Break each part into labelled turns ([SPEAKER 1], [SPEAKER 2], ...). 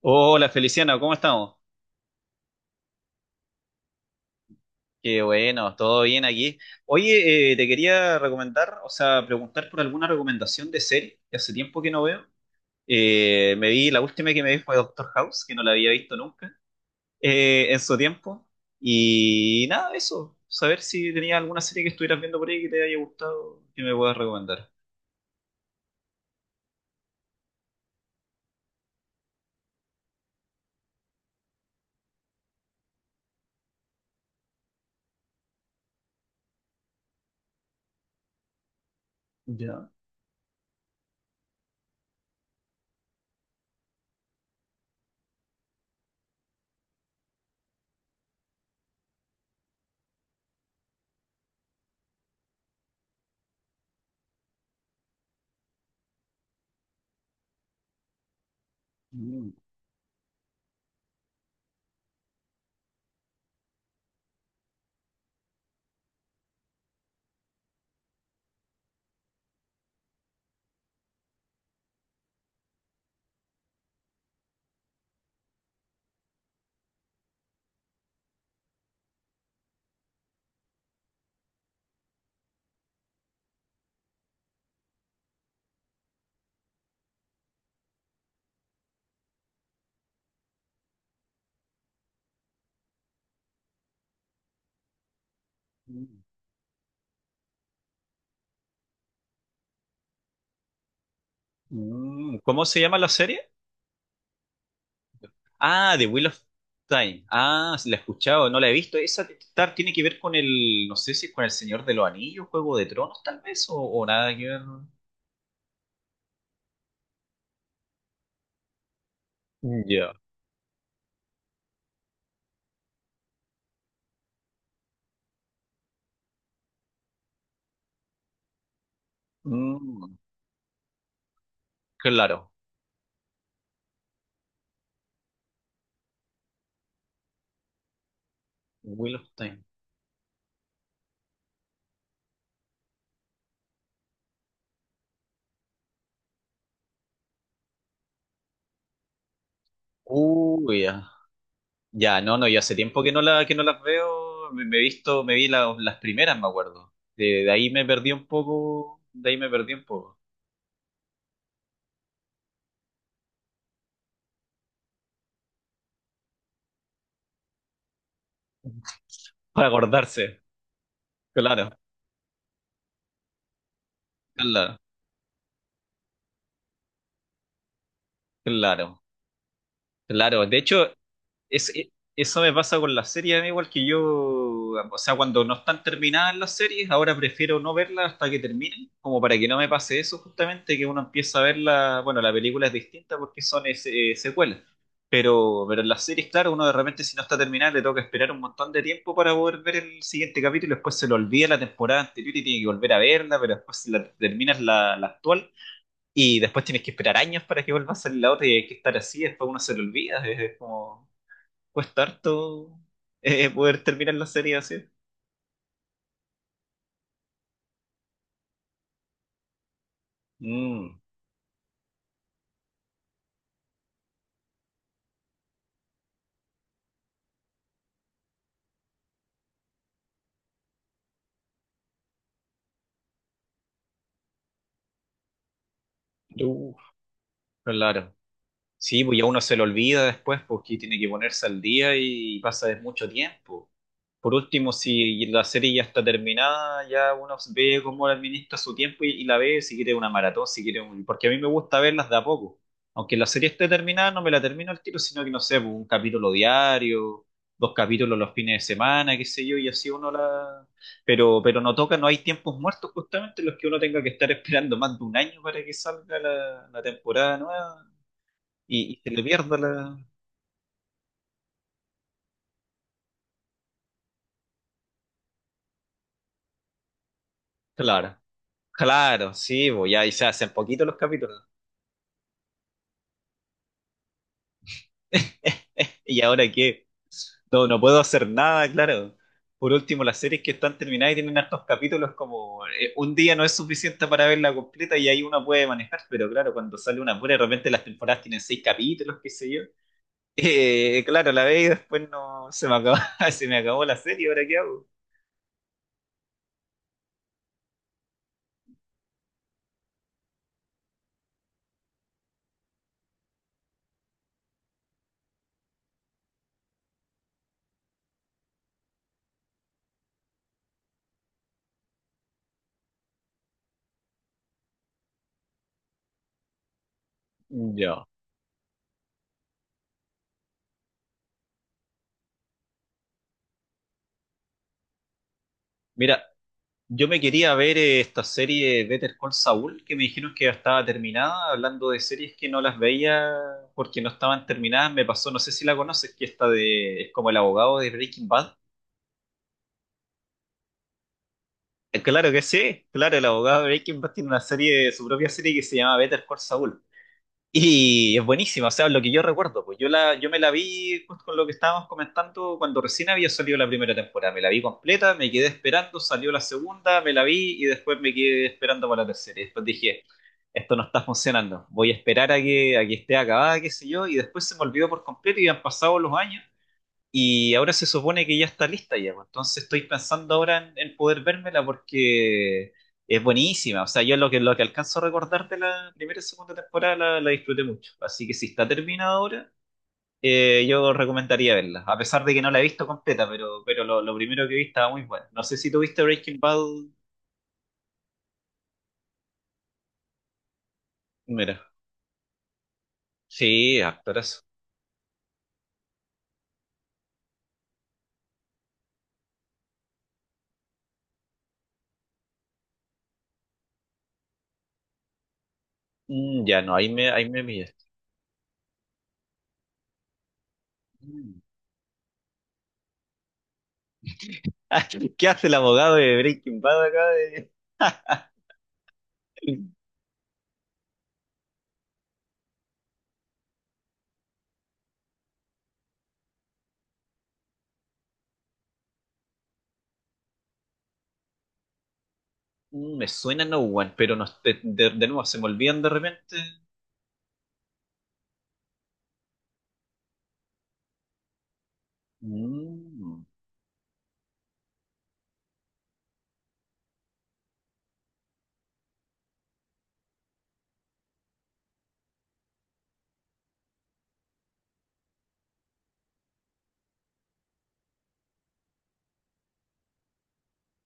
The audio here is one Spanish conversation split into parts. [SPEAKER 1] Hola Feliciano, ¿cómo estamos? Qué bueno, todo bien aquí. Oye, te quería recomendar, o sea, preguntar por alguna recomendación de serie, que hace tiempo que no veo. Me vi, la última que me vi fue Doctor House, que no la había visto nunca en su tiempo. Y nada, eso, saber si tenías alguna serie que estuvieras viendo por ahí que te haya gustado, que me puedas recomendar. Ya. Mm, mm, mm. ¿Cómo se llama la serie? Ah, The Wheel of Time. Ah, sí, la he escuchado, no la he visto. Esa tiene que ver con el, no sé si es con el Señor de los Anillos, Juego de Tronos, tal vez, o nada que ver. Ya. Mm, claro. Wheel of Time. Uy, ya. Ya, no, no, ya hace tiempo que no la, que no las veo. Me he visto, me vi las primeras, me acuerdo. De ahí me perdí un poco, de ahí me perdí un poco. Para acordarse. Claro, claro, claro. Claro, de hecho, Es, e- eso me pasa con las series, a igual que yo, o sea, cuando no están terminadas las series, ahora prefiero no verlas hasta que terminen, como para que no me pase eso justamente, que uno empieza a verla, bueno, la película es distinta porque son secuelas, pero en las series, claro, uno de repente si no está terminada le toca esperar un montón de tiempo para poder ver el siguiente capítulo, después se lo olvida la temporada anterior y tiene que volver a verla, pero después si terminas la actual y después tienes que esperar años para que vuelva a salir la otra y hay que estar así, después uno se lo olvida, es como... Cuesta harto poder terminar la serie así. Mm, uh, claro. Sí, pues ya uno se lo olvida después porque tiene que ponerse al día y pasa de mucho tiempo. Por último, si la serie ya está terminada, ya uno ve cómo administra su tiempo y la ve si quiere una maratón, si quiere un... Porque a mí me gusta verlas de a poco. Aunque la serie esté terminada, no me la termino al tiro, sino que no sé, pues, un capítulo diario, dos capítulos los fines de semana, qué sé yo, y así uno la... pero no toca, no hay tiempos muertos justamente en los que uno tenga que estar esperando más de un año para que salga la temporada nueva y se le pierda la... Claro, claro, sí, pues ya y se hacen poquitos los capítulos. ¿Y ahora qué? No, no puedo hacer nada, claro. Por último, las series que están terminadas y tienen hartos capítulos, como un día no es suficiente para verla completa y ahí uno puede manejar, pero claro, cuando sale una pura, de repente las temporadas tienen seis capítulos, qué sé yo. Claro, la ve y después no se me acabó, se me acabó la serie, ¿ahora qué hago? Yo. Mira, yo me quería ver esta serie Better Call Saul, que me dijeron que ya estaba terminada, hablando de series que no las veía porque no estaban terminadas, me pasó, no sé si la conoces, que esta de, es como el abogado de Breaking Bad. Claro que sí, claro, el abogado de Breaking Bad tiene una serie, su propia serie que se llama Better Call Saul. Y es buenísima, o sea, lo que yo recuerdo, pues yo me la vi justo con lo que estábamos comentando cuando recién había salido la primera temporada. Me la vi completa, me quedé esperando, salió la segunda, me la vi y después me quedé esperando para la tercera. Y después dije, esto no está funcionando, voy a esperar a a que esté acabada, qué sé yo, y después se me olvidó por completo y han pasado los años y ahora se supone que ya está lista ya, pues. Entonces estoy pensando ahora en poder vérmela porque es buenísima. O sea, yo lo que alcanzo a recordar de la primera y segunda temporada la disfruté mucho. Así que si está terminada ahora, yo recomendaría verla. A pesar de que no la he visto completa, pero lo primero que vi estaba muy bueno. No sé si tuviste Breaking Bad. Mira. Sí, actorazo. Mm, ya no, ahí me pillaste. Mm. ¿Qué hace el abogado de Breaking Bad acá? De... Mm, me suena No One, pero no, de nuevo se me olvidan de repente. Mm,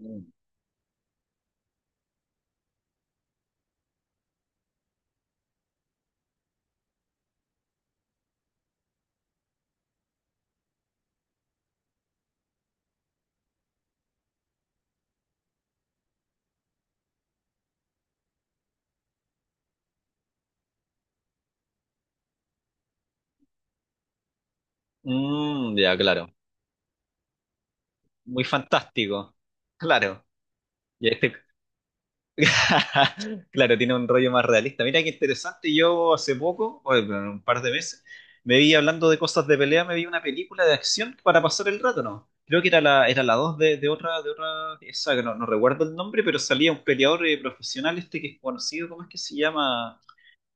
[SPEAKER 1] mm, mm, ya, claro. Muy fantástico. Claro. Y este, claro, tiene un rollo más realista. Mira qué interesante. Yo hace poco, o en un par de meses, me vi hablando de cosas de pelea, me vi una película de acción para pasar el rato, ¿no? Creo que era era la 2 de otra, esa que no, no recuerdo el nombre, pero salía un peleador profesional este que es conocido, ¿cómo es que se llama?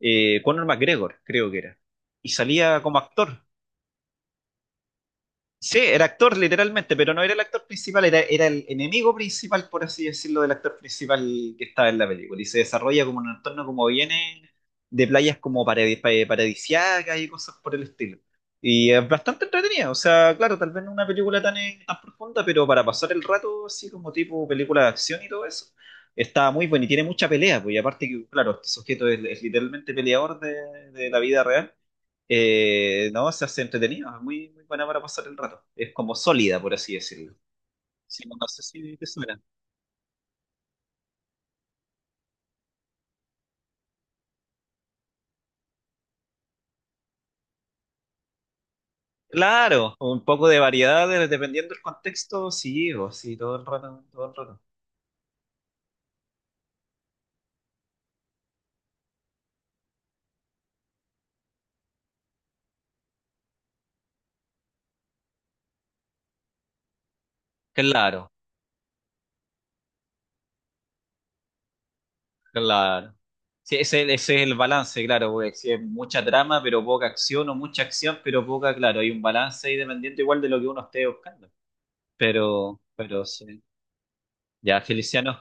[SPEAKER 1] Conor McGregor, creo que era. Y salía como actor. Sí, era actor literalmente, pero no era el actor principal, era el enemigo principal, por así decirlo, del actor principal que estaba en la película. Y se desarrolla como en un entorno como viene de playas como paradisiacas y cosas por el estilo. Y es bastante entretenida, o sea, claro, tal vez no una película tan profunda, pero para pasar el rato así como tipo película de acción y todo eso, está muy bueno y tiene mucha pelea, pues y aparte que, claro, este sujeto es literalmente peleador de la vida real. No, se hace entretenido, es muy, muy buena para pasar el rato. Es como sólida, por así decirlo. Sí, no sé si te suena. Claro, un poco de variedad dependiendo del contexto, sí, o sí, todo el rato, todo el rato. Claro, claro. Sí, ese es el balance, claro, porque si es mucha trama, pero poca acción, o mucha acción, pero poca, claro, hay un balance ahí dependiendo igual de lo que uno esté buscando. Pero sí. Ya, Feliciano,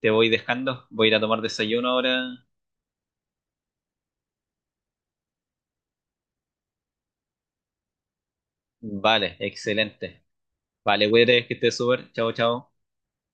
[SPEAKER 1] te voy dejando, voy a ir a tomar desayuno ahora. Vale, excelente. Vale, cuídate, que estés súper. Chao, chao.